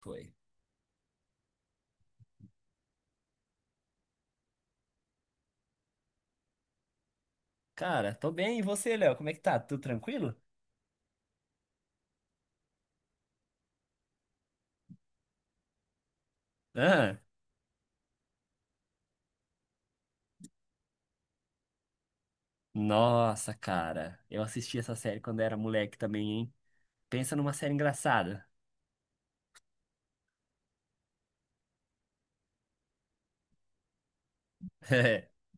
Foi. Cara, tô bem. E você, Léo? Como é que tá? Tudo tranquilo? Ah, nossa, cara. Eu assisti essa série quando era moleque também, hein? Pensa numa série engraçada.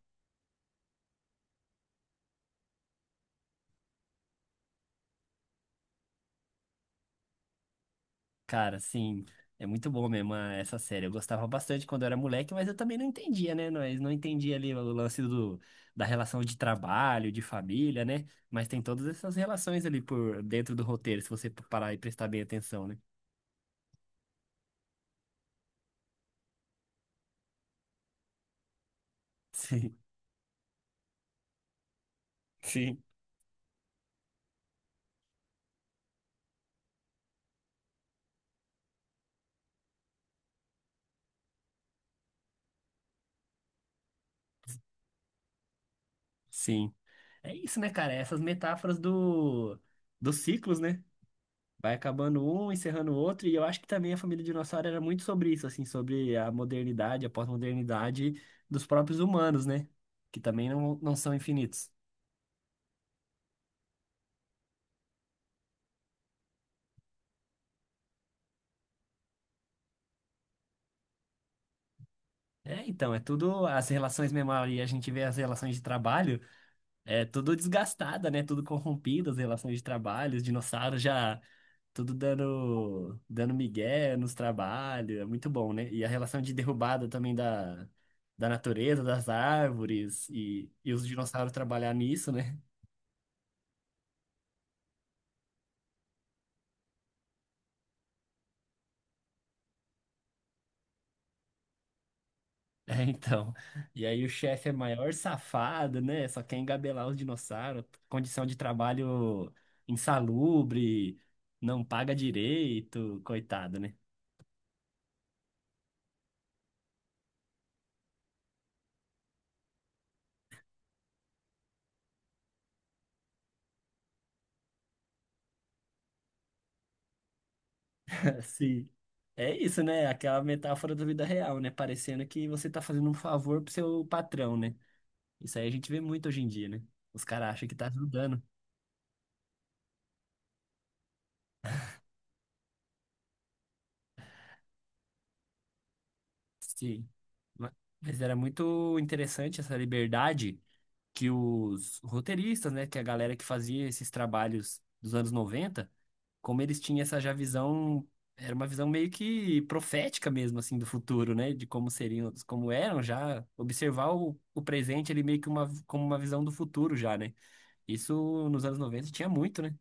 Cara, sim. É muito bom mesmo essa série. Eu gostava bastante quando eu era moleque, mas eu também não entendia, né? Nós não entendia ali o lance da relação de trabalho, de família, né? Mas tem todas essas relações ali por dentro do roteiro, se você parar e prestar bem atenção, né? Sim, sim, sim. É isso, né, cara? Essas metáforas dos ciclos, né? Vai acabando um, encerrando o outro, e eu acho que também a família dinossauro era muito sobre isso, assim, sobre a modernidade, a pós-modernidade dos próprios humanos, né? Que também não são infinitos. É, então, é tudo as relações memória, e a gente vê as relações de trabalho. É tudo desgastada, né? Tudo corrompida, as relações de trabalho, os dinossauros já tudo dando migué nos trabalhos, é muito bom, né? E a relação de derrubada também da natureza, das árvores e os dinossauros trabalhar nisso, né? É, então. E aí o chefe é maior safado, né? Só quer engabelar os dinossauros, condição de trabalho insalubre, não paga direito, coitado, né? Assim, é isso, né? Aquela metáfora da vida real, né? Parecendo que você tá fazendo um favor pro seu patrão, né? Isso aí a gente vê muito hoje em dia, né? Os caras acham que tá ajudando. Sim. Ma- Mas era muito interessante essa liberdade que os roteiristas, né, que a galera que fazia esses trabalhos dos anos 90, como eles tinham essa já visão, era uma visão meio que profética mesmo, assim, do futuro, né, de como seriam, como eram já, observar o presente ali meio que uma, como uma visão do futuro já, né. Isso nos anos 90 tinha muito, né.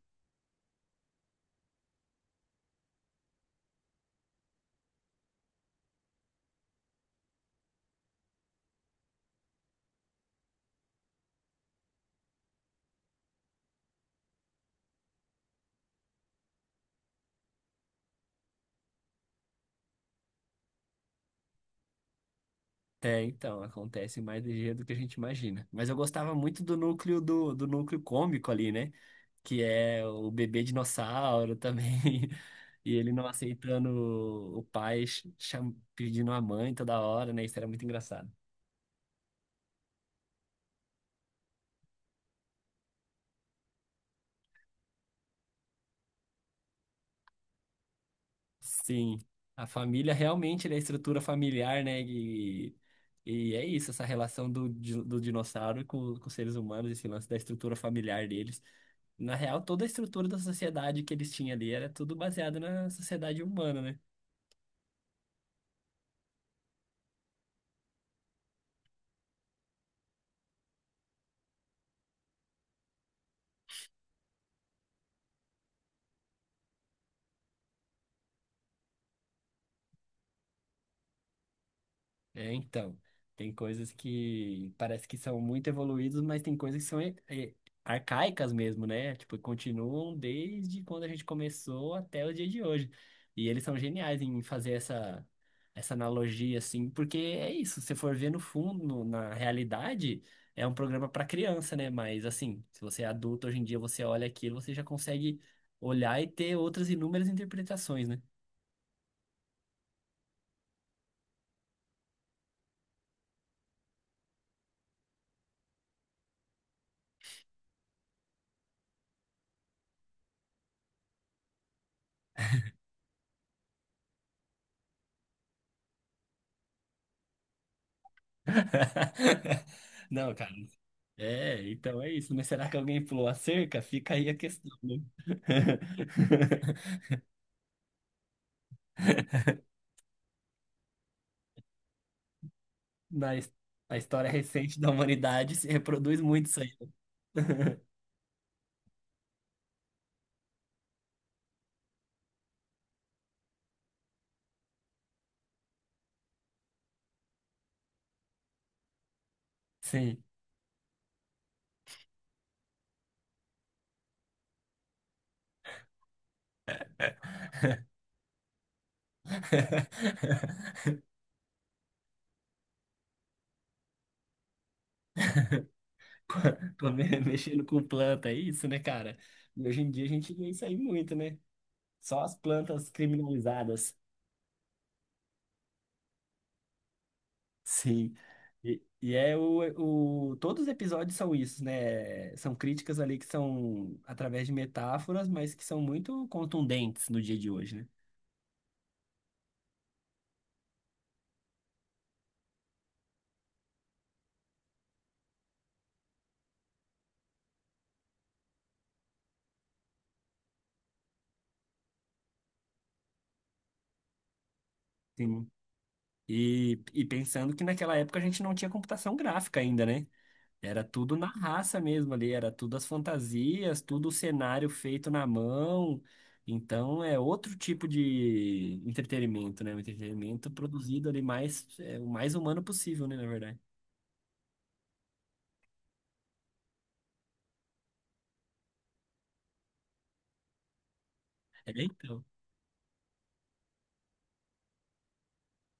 É, então, acontece mais ligeiro do que a gente imagina. Mas eu gostava muito do núcleo do núcleo cômico ali, né? Que é o bebê dinossauro também, e ele não aceitando o pai, pedindo a mãe toda hora, né? Isso era muito engraçado. Sim, a família realmente, né, a estrutura familiar, né? E é isso, essa relação do dinossauro com os seres humanos, esse lance da estrutura familiar deles. Na real, toda a estrutura da sociedade que eles tinham ali era tudo baseado na sociedade humana, né? É, então, tem coisas que parece que são muito evoluídas, mas tem coisas que são arcaicas mesmo, né? Tipo, continuam desde quando a gente começou até o dia de hoje. E eles são geniais em fazer essa analogia, assim, porque é isso, se você for ver no fundo, na realidade, é um programa para criança, né? Mas, assim, se você é adulto hoje em dia, você olha aquilo, você já consegue olhar e ter outras inúmeras interpretações, né? Não, cara. É, então é isso. Mas será que alguém pulou a cerca? Fica aí a questão, né? Na, his- Na história recente da humanidade se reproduz muito isso aí, né? Sim. Mexendo com planta, é isso, né, cara? E hoje em dia a gente vê isso aí muito, né? Só as plantas criminalizadas. Sim. E é o. Todos os episódios são isso, né? São críticas ali que são através de metáforas, mas que são muito contundentes no dia de hoje, né? Sim. E pensando que naquela época a gente não tinha computação gráfica ainda, né? Era tudo na raça mesmo ali, era tudo as fantasias, tudo o cenário feito na mão. Então é outro tipo de entretenimento, né? Um entretenimento produzido ali mais, é, o mais humano possível, né? Na verdade. É, então.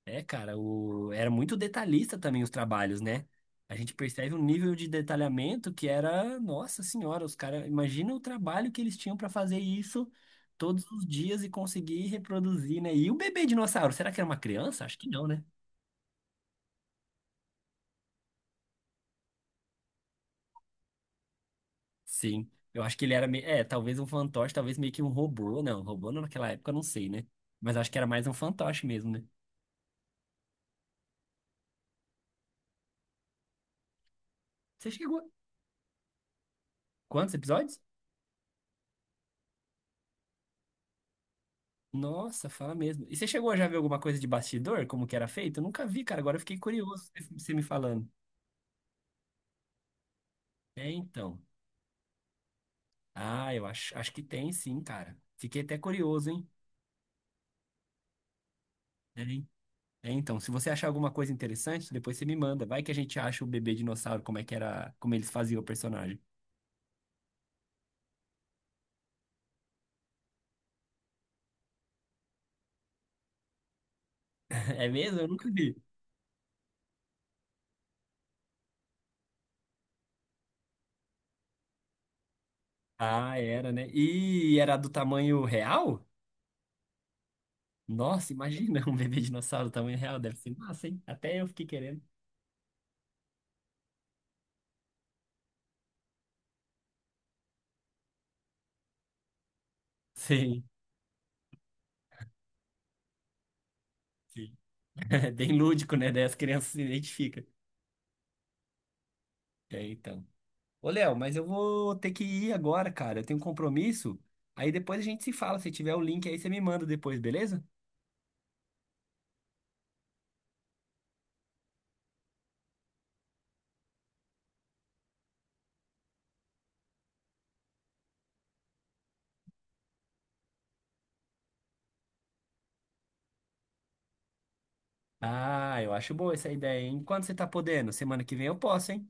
É, cara, o... era muito detalhista também os trabalhos, né? A gente percebe um nível de detalhamento que era, nossa senhora, os caras, imagina o trabalho que eles tinham para fazer isso todos os dias e conseguir reproduzir, né? E o bebê dinossauro, será que era uma criança? Acho que não, né? Sim, eu acho que ele era, é, talvez um fantoche, talvez meio que um robô não, naquela época, eu não sei, né? Mas acho que era mais um fantoche mesmo, né? Você chegou, quantos episódios? Nossa, fala mesmo. E você chegou a já ver alguma coisa de bastidor, como que era feito? Eu nunca vi, cara. Agora eu fiquei curioso você me falando. É, então. Ah, acho que tem sim, cara. Fiquei até curioso, hein? Tem. É, então, se você achar alguma coisa interessante, depois você me manda. Vai que a gente acha o bebê dinossauro, como é que era, como eles faziam o personagem. É mesmo? Eu nunca vi. Ah, era, né? E era do tamanho real? Nossa, imagina um bebê dinossauro do tamanho real, deve ser massa, hein? Até eu fiquei querendo. Sim. sim. É bem lúdico, né? Daí as crianças se identificam. É, então. Ô, Léo, mas eu vou ter que ir agora, cara. Eu tenho um compromisso. Aí depois a gente se fala. Se tiver o link aí, você me manda depois, beleza? Ah, eu acho boa essa ideia, hein? Quando você tá podendo? Semana que vem eu posso, hein?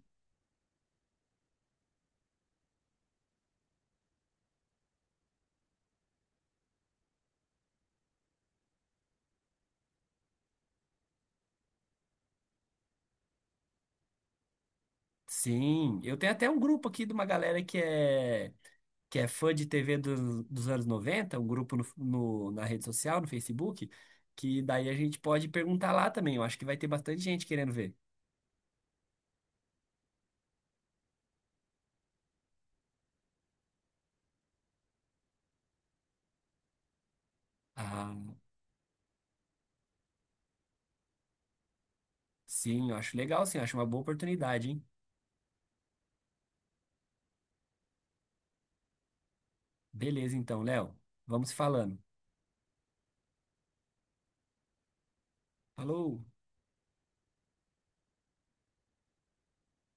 Sim, eu tenho até um grupo aqui de uma galera que é fã de TV dos anos noventa, um grupo na rede social, no Facebook, que daí a gente pode perguntar lá também. Eu acho que vai ter bastante gente querendo ver. Ah. Sim, eu acho uma boa oportunidade, hein? Beleza, então, Léo. Vamos falando. Falou!